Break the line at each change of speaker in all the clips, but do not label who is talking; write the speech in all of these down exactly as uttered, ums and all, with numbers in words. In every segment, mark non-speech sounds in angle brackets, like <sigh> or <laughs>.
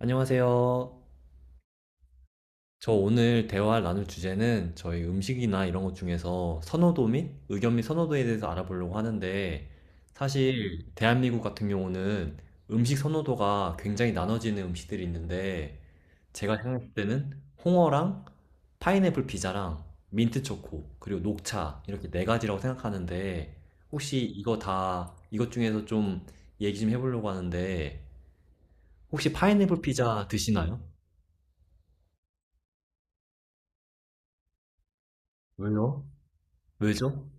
안녕하세요. 저 오늘 대화 나눌 주제는 저희 음식이나 이런 것 중에서 선호도 및 의견 및 선호도에 대해서 알아보려고 하는데 사실 대한민국 같은 경우는 음식 선호도가 굉장히 나눠지는 음식들이 있는데 제가 생각할 때는 홍어랑 파인애플 피자랑 민트 초코 그리고 녹차 이렇게 네 가지라고 생각하는데 혹시 이거 다 이것 중에서 좀 얘기 좀 해보려고 하는데 혹시 파인애플 피자 드시나요? 왜요? 왜죠?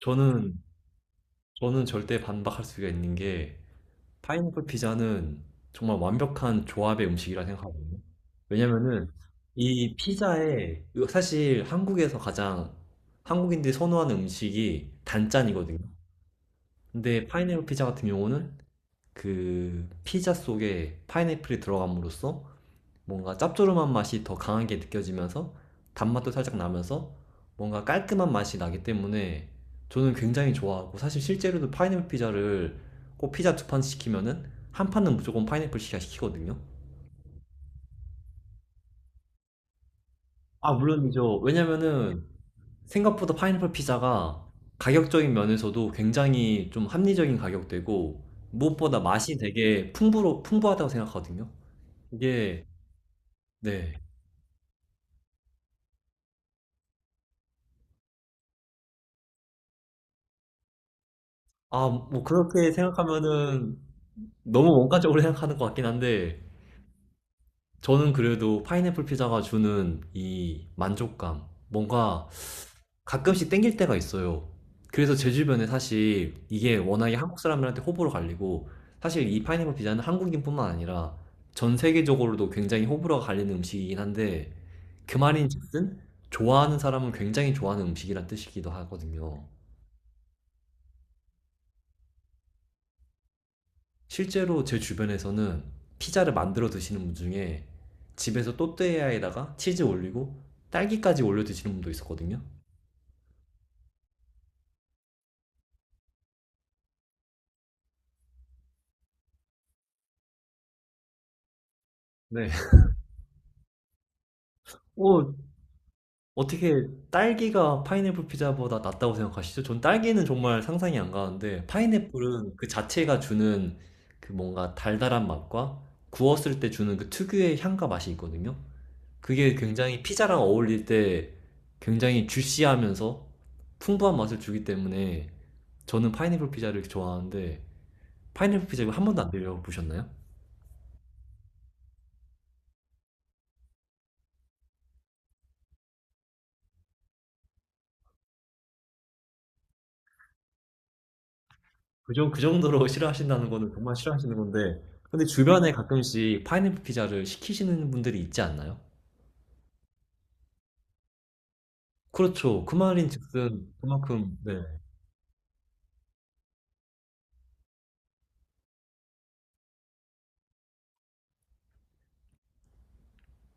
저는 저는 절대 반박할 수가 있는 게 파인애플 피자는 정말 완벽한 조합의 음식이라 생각하거든요. 왜냐면은 이 피자에 사실 한국에서 가장 한국인들이 선호하는 음식이 단짠이거든요. 근데 파인애플 피자 같은 경우는 그 피자 속에 파인애플이 들어감으로써 뭔가 짭조름한 맛이 더 강하게 느껴지면서 단맛도 살짝 나면서 뭔가 깔끔한 맛이 나기 때문에 저는 굉장히 좋아하고 사실 실제로도 파인애플 피자를 꼭 피자 두 판 시키면은 한 판은 무조건 파인애플 피자 시키거든요. 아, 물론이죠. 왜냐면은 생각보다 파인애플 피자가 가격적인 면에서도 굉장히 좀 합리적인 가격대고 무엇보다 맛이 되게 풍부로, 풍부하다고 생각하거든요. 이게, 네. 아, 뭐 그렇게 생각하면은 너무 원가적으로 생각하는 것 같긴 한데, 저는 그래도 파인애플 피자가 주는 이 만족감, 뭔가 가끔씩 땡길 때가 있어요. 그래서 제 주변에 사실 이게 워낙에 한국 사람들한테 호불호 갈리고, 사실 이 파인애플 피자는 한국인뿐만 아니라 전 세계적으로도 굉장히 호불호가 갈리는 음식이긴 한데, 그 말인즉슨 좋아하는 사람은 굉장히 좋아하는 음식이란 뜻이기도 하거든요. 실제로 제 주변에서는 피자를 만들어 드시는 분 중에 집에서 또띠아에다가 치즈 올리고 딸기까지 올려 드시는 분도 있었거든요. 네. 어, 어떻게 딸기가 파인애플 피자보다 낫다고 생각하시죠? 전 딸기는 정말 상상이 안 가는데 파인애플은 그 자체가 주는 그 뭔가 달달한 맛과 구웠을 때 주는 그 특유의 향과 맛이 있거든요. 그게 굉장히 피자랑 어울릴 때 굉장히 주시하면서 풍부한 맛을 주기 때문에 저는 파인애플 피자를 좋아하는데 파인애플 피자 이거 한 번도 안 드셔보셨나요? 그, 정- 그 정도로 <laughs> 싫어하신다는 거는 정말 싫어하시는 건데 근데 주변에 가끔씩 파인애플 피자를 시키시는 분들이 있지 않나요? 그렇죠. 그 말인 즉슨 그만큼 네,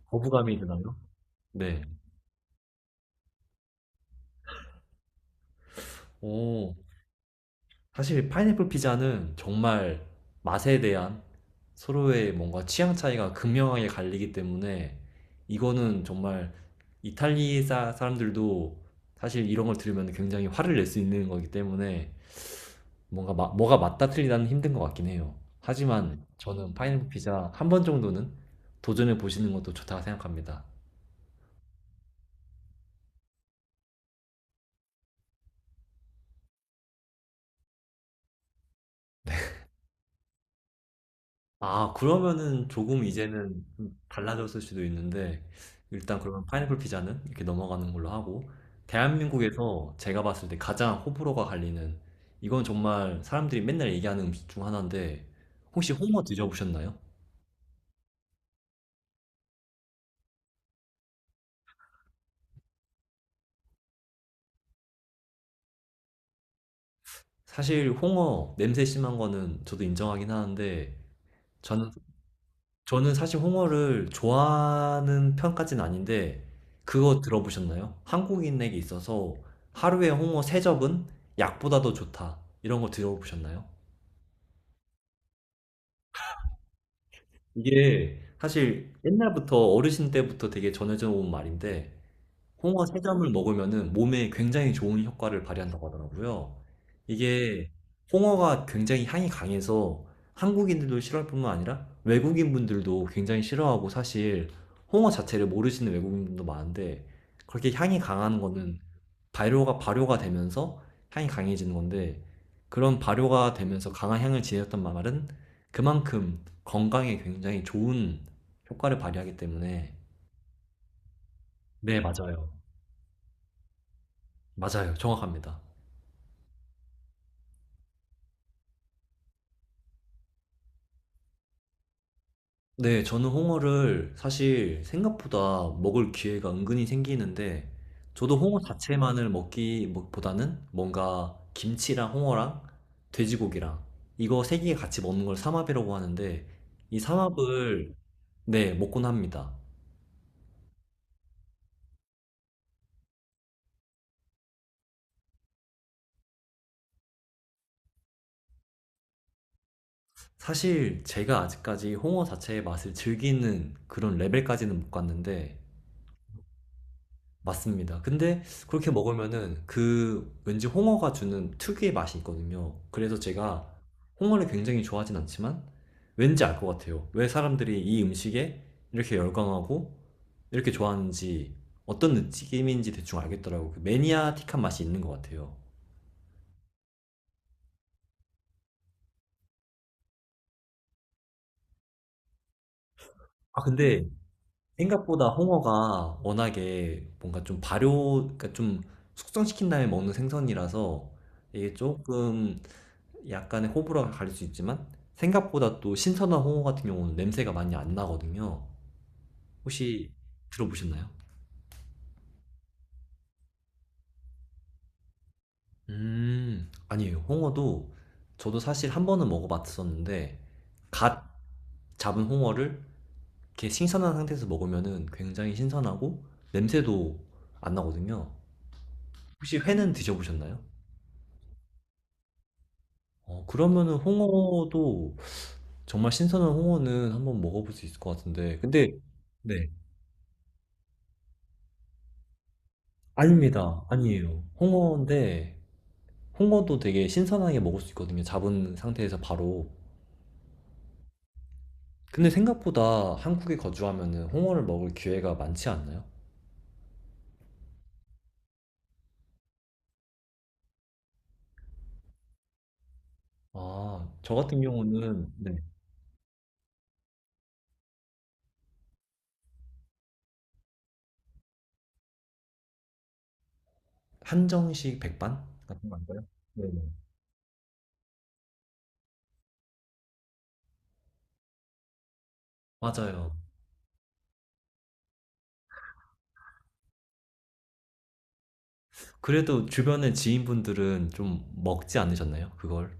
거부감이 드나요? 네. 오, 사실 파인애플 피자는 정말 맛에 대한 서로의 뭔가 취향 차이가 극명하게 갈리기 때문에 이거는 정말 이탈리 아 사람들도 사실 이런 걸 들으면 굉장히 화를 낼 수 있는 거기 때문에 뭔가 마- 뭐가 맞다 틀리다는 힘든 것 같긴 해요. 하지만 저는 파인애플 피자 한 번 정도는 도전해 보시는 것도 좋다고 생각합니다. 아, 그러면은 조금 이제는 좀 달라졌을 수도 있는데, 일단 그러면 파인애플 피자는 이렇게 넘어가는 걸로 하고, 대한민국에서 제가 봤을 때 가장 호불호가 갈리는, 이건 정말 사람들이 맨날 얘기하는 음식 중 하나인데, 혹시 홍어 드셔보셨나요? 사실 홍어 냄새 심한 거는 저도 인정하긴 하는데, 저는 저는 사실 홍어를 좋아하는 편까지는 아닌데, 그거 들어보셨나요? 한국인에게 있어서 하루에 홍어 세접은 약보다 더 좋다. 이런 거 들어보셨나요? 이게 사실 옛날부터 어르신 때부터 되게 전해져 온 말인데, 홍어 세점을 먹으면은 몸에 굉장히 좋은 효과를 발휘한다고 하더라고요. 이게 홍어가 굉장히 향이 강해서 한국인들도 싫어할 뿐만 아니라 외국인분들도 굉장히 싫어하고 사실 홍어 자체를 모르시는 외국인분도 많은데 그렇게 향이 강한 거는 발효가 발효가 되면서 향이 강해지는 건데 그런 발효가 되면서 강한 향을 지녔던 말은 그만큼 건강에 굉장히 좋은 효과를 발휘하기 때문에 네, 맞아요. 맞아요. 정확합니다. 네, 저는 홍어를 사실 생각보다 먹을 기회가 은근히 생기는데, 저도 홍어 자체만을 먹기 뭐- 보다는 뭔가 김치랑 홍어랑 돼지고기랑 이거 세 개 같이 먹는 걸 삼합이라고 하는데, 이 삼합을 네, 먹곤 합니다. 사실 제가 아직까지 홍어 자체의 맛을 즐기는 그런 레벨까지는 못 갔는데, 맞습니다. 근데 그렇게 먹으면은 그 왠지 홍어가 주는 특유의 맛이 있거든요. 그래서 제가 홍어를 굉장히 좋아하진 않지만 왠지 알 것 같아요. 왜 사람들이 이 음식에 이렇게 열광하고 이렇게 좋아하는지 어떤 느낌인지 대충 알겠더라고요. 그 매니아틱한 맛이 있는 것 같아요. 아, 근데 생각보다 홍어가 워낙에 뭔가 좀 발효, 그러니까 좀 숙성시킨 다음에 먹는 생선이라서 이게 조금 약간의 호불호가 갈릴 수 있지만 생각보다 또 신선한 홍어 같은 경우는 냄새가 많이 안 나거든요. 혹시 들어보셨나요? 음, 아니에요. 홍어도 저도 사실 한 번은 먹어봤었는데 갓 잡은 홍어를 이렇게 신선한 상태에서 먹으면은 굉장히 신선하고 냄새도 안 나거든요. 혹시 회는 드셔보셨나요? 어, 그러면은 홍어도 정말 신선한 홍어는 한번 먹어볼 수 있을 것 같은데 근데 네. 아닙니다. 아니에요. 홍어인데 홍어도 되게 신선하게 먹을 수 있거든요. 잡은 상태에서 바로. 근데 생각보다 한국에 거주하면은 홍어를 먹을 기회가 많지 않나요? 아, 저 같은 경우는 네. 한정식 백반 같은 건가요? 네네. 맞아요. 그래도 주변의 지인분들은 좀 먹지 않으셨나요? 그걸?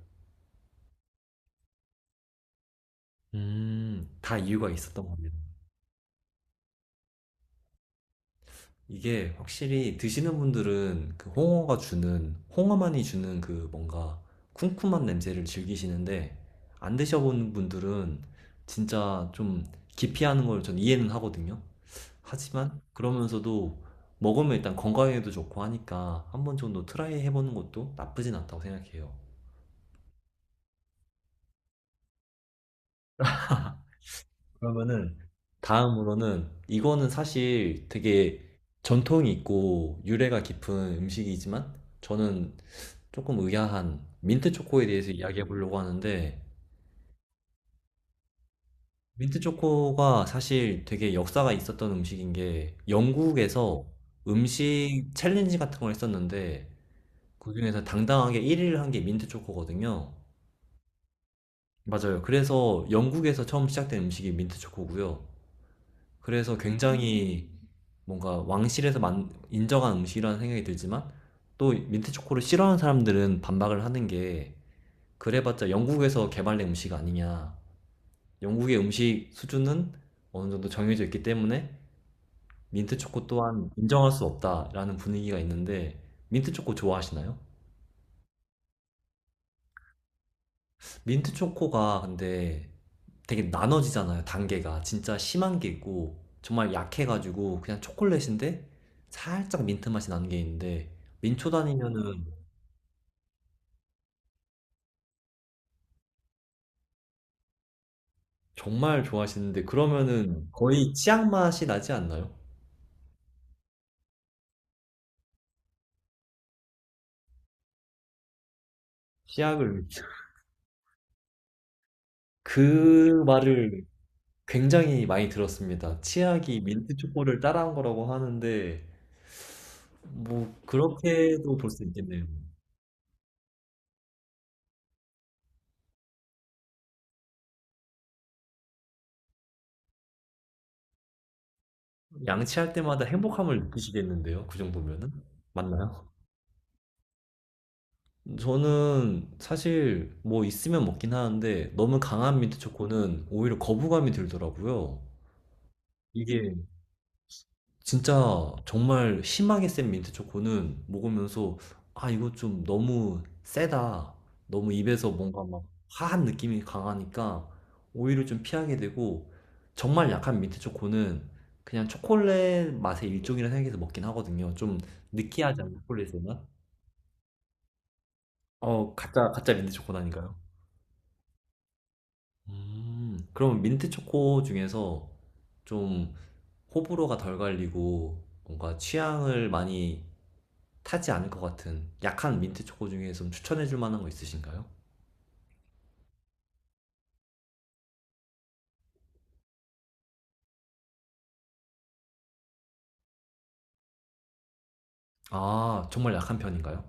음, 다 이유가 있었던 겁니다. 이게 확실히 드시는 분들은 그 홍어가 주는, 홍어만이 주는 그 뭔가 쿰쿰한 냄새를 즐기시는데, 안 드셔본 분들은 진짜 좀 기피하는 걸 전 이해는 하거든요. 하지만 그러면서도 먹으면 일단 건강에도 좋고 하니까 한 번 정도 트라이 해보는 것도 나쁘진 않다고 생각해요. 그러면은 다음으로는 이거는 사실 되게 전통이 있고 유래가 깊은 음식이지만 저는 조금 의아한 민트 초코에 대해서 이야기해 보려고 하는데 민트 초코가 사실 되게 역사가 있었던 음식인 게 영국에서 음식 챌린지 같은 걸 했었는데 그중에서 당당하게 일 위를 한게 민트 초코거든요. 맞아요. 그래서 영국에서 처음 시작된 음식이 민트 초코고요. 그래서 굉장히 뭔가 왕실에서 만- 인정한 음식이라는 생각이 들지만 또 민트 초코를 싫어하는 사람들은 반박을 하는 게 그래봤자 영국에서 개발된 음식 아니냐. 영국의 음식 수준은 어느 정도 정해져 있기 때문에 민트 초코 또한 인정할 수 없다라는 분위기가 있는데 민트 초코 좋아하시나요? 민트 초코가 근데 되게 나눠지잖아요, 단계가. 진짜 심한 게 있고 정말 약해가지고 그냥 초콜릿인데 살짝 민트 맛이 나는 게 있는데 민초 다니면은 정말 좋아하시는데 그러면은 거의 치약 맛이 나지 않나요? 치약을 그 말을 굉장히 많이 들었습니다. 치약이 민트 초코를 따라한 거라고 하는데 뭐 그렇게도 볼 수 있겠네요. 양치할 때마다 행복함을 느끼시겠는데요. 그 정도면은. 맞나요? 저는 사실 뭐 있으면 먹긴 하는데 너무 강한 민트 초코는 오히려 거부감이 들더라고요. 이게 진짜 정말 심하게 센 민트 초코는 먹으면서 아 이거 좀 너무 세다. 너무 입에서 뭔가 막 화한 느낌이 강하니까 오히려 좀 피하게 되고 정말 약한 민트 초코는 그냥 초콜릿 맛의 일종이라 생각해서 먹긴 하거든요. 좀 느끼하지 않아요? 초콜릿의 맛? 어, 가짜 가짜 민트 초코라니까요. 음, 그럼 민트 초코 중에서 좀 호불호가 덜 갈리고 뭔가 취향을 많이 타지 않을 것 같은 약한 민트 초코 중에 좀 추천해 줄 만한 거 있으신가요? 아, 정말 약한 편인가요?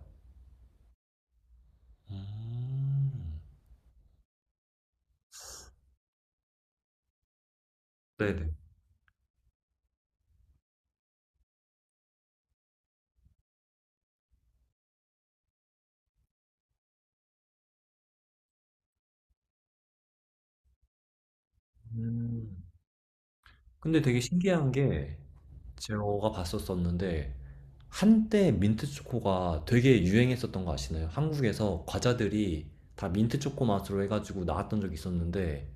음. 네네. 음. 근데 되게 신기한 게 제가 봤었었는데 한때 민트 초코가 되게 유행했었던 거 아시나요? 한국에서 과자들이 다 민트 초코 맛으로 해가지고 나왔던 적이 있었는데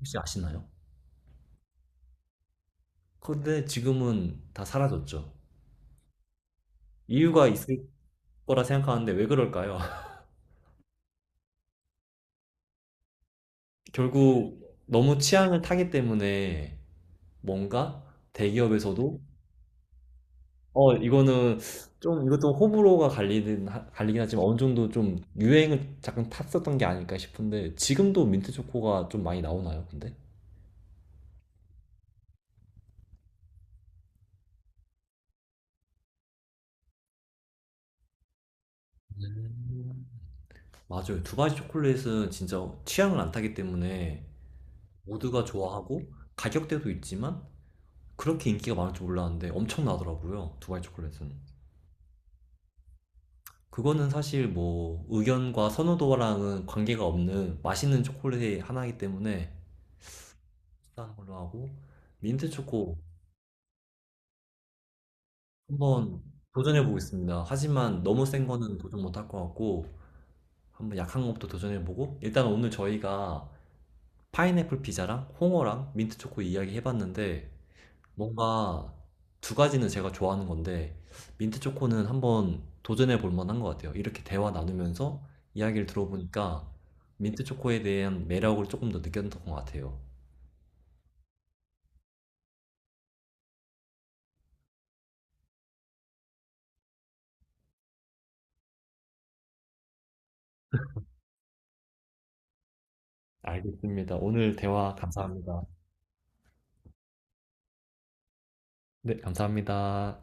혹시 아시나요? 근데 지금은 다 사라졌죠. 이유가 있을 거라 생각하는데 왜 그럴까요? <laughs> 결국 너무 취향을 타기 때문에 뭔가 대기업에서도 어 이거는 좀 이것도 호불호가 갈리는 하- 갈리긴 하지만 어느 정도 좀 유행을 잠깐 탔었던 게 아닐까 싶은데 지금도 민트 초코가 좀 많이 나오나요, 근데? 맞아요. 두바이 초콜릿은 진짜 취향을 안 타기 때문에 모두가 좋아하고 가격대도 있지만 그렇게 인기가 많을 줄 몰랐는데 엄청나더라고요. 두바이 초콜릿은. 그거는 사실 뭐 의견과 선호도랑은 관계가 없는 맛있는 초콜릿의 하나이기 때문에 수싼 걸로 하고 민트 초코 한번 도전해 보겠습니다. 하지만 너무 센 거는 도전 못 할 것 같고 한번 약한 것부터 도전해 보고 일단 오늘 저희가 파인애플 피자랑 홍어랑 민트 초코 이야기 해봤는데 뭔가 두 가지는 제가 좋아하는 건데 민트 초코는 한번 도전해 볼 만한 것 같아요. 이렇게 대화 나누면서 이야기를 들어보니까 민트 초코에 대한 매력을 조금 더 느꼈던 것 같아요. 알겠습니다. 오늘 대화 감사합니다. 네, 감사합니다.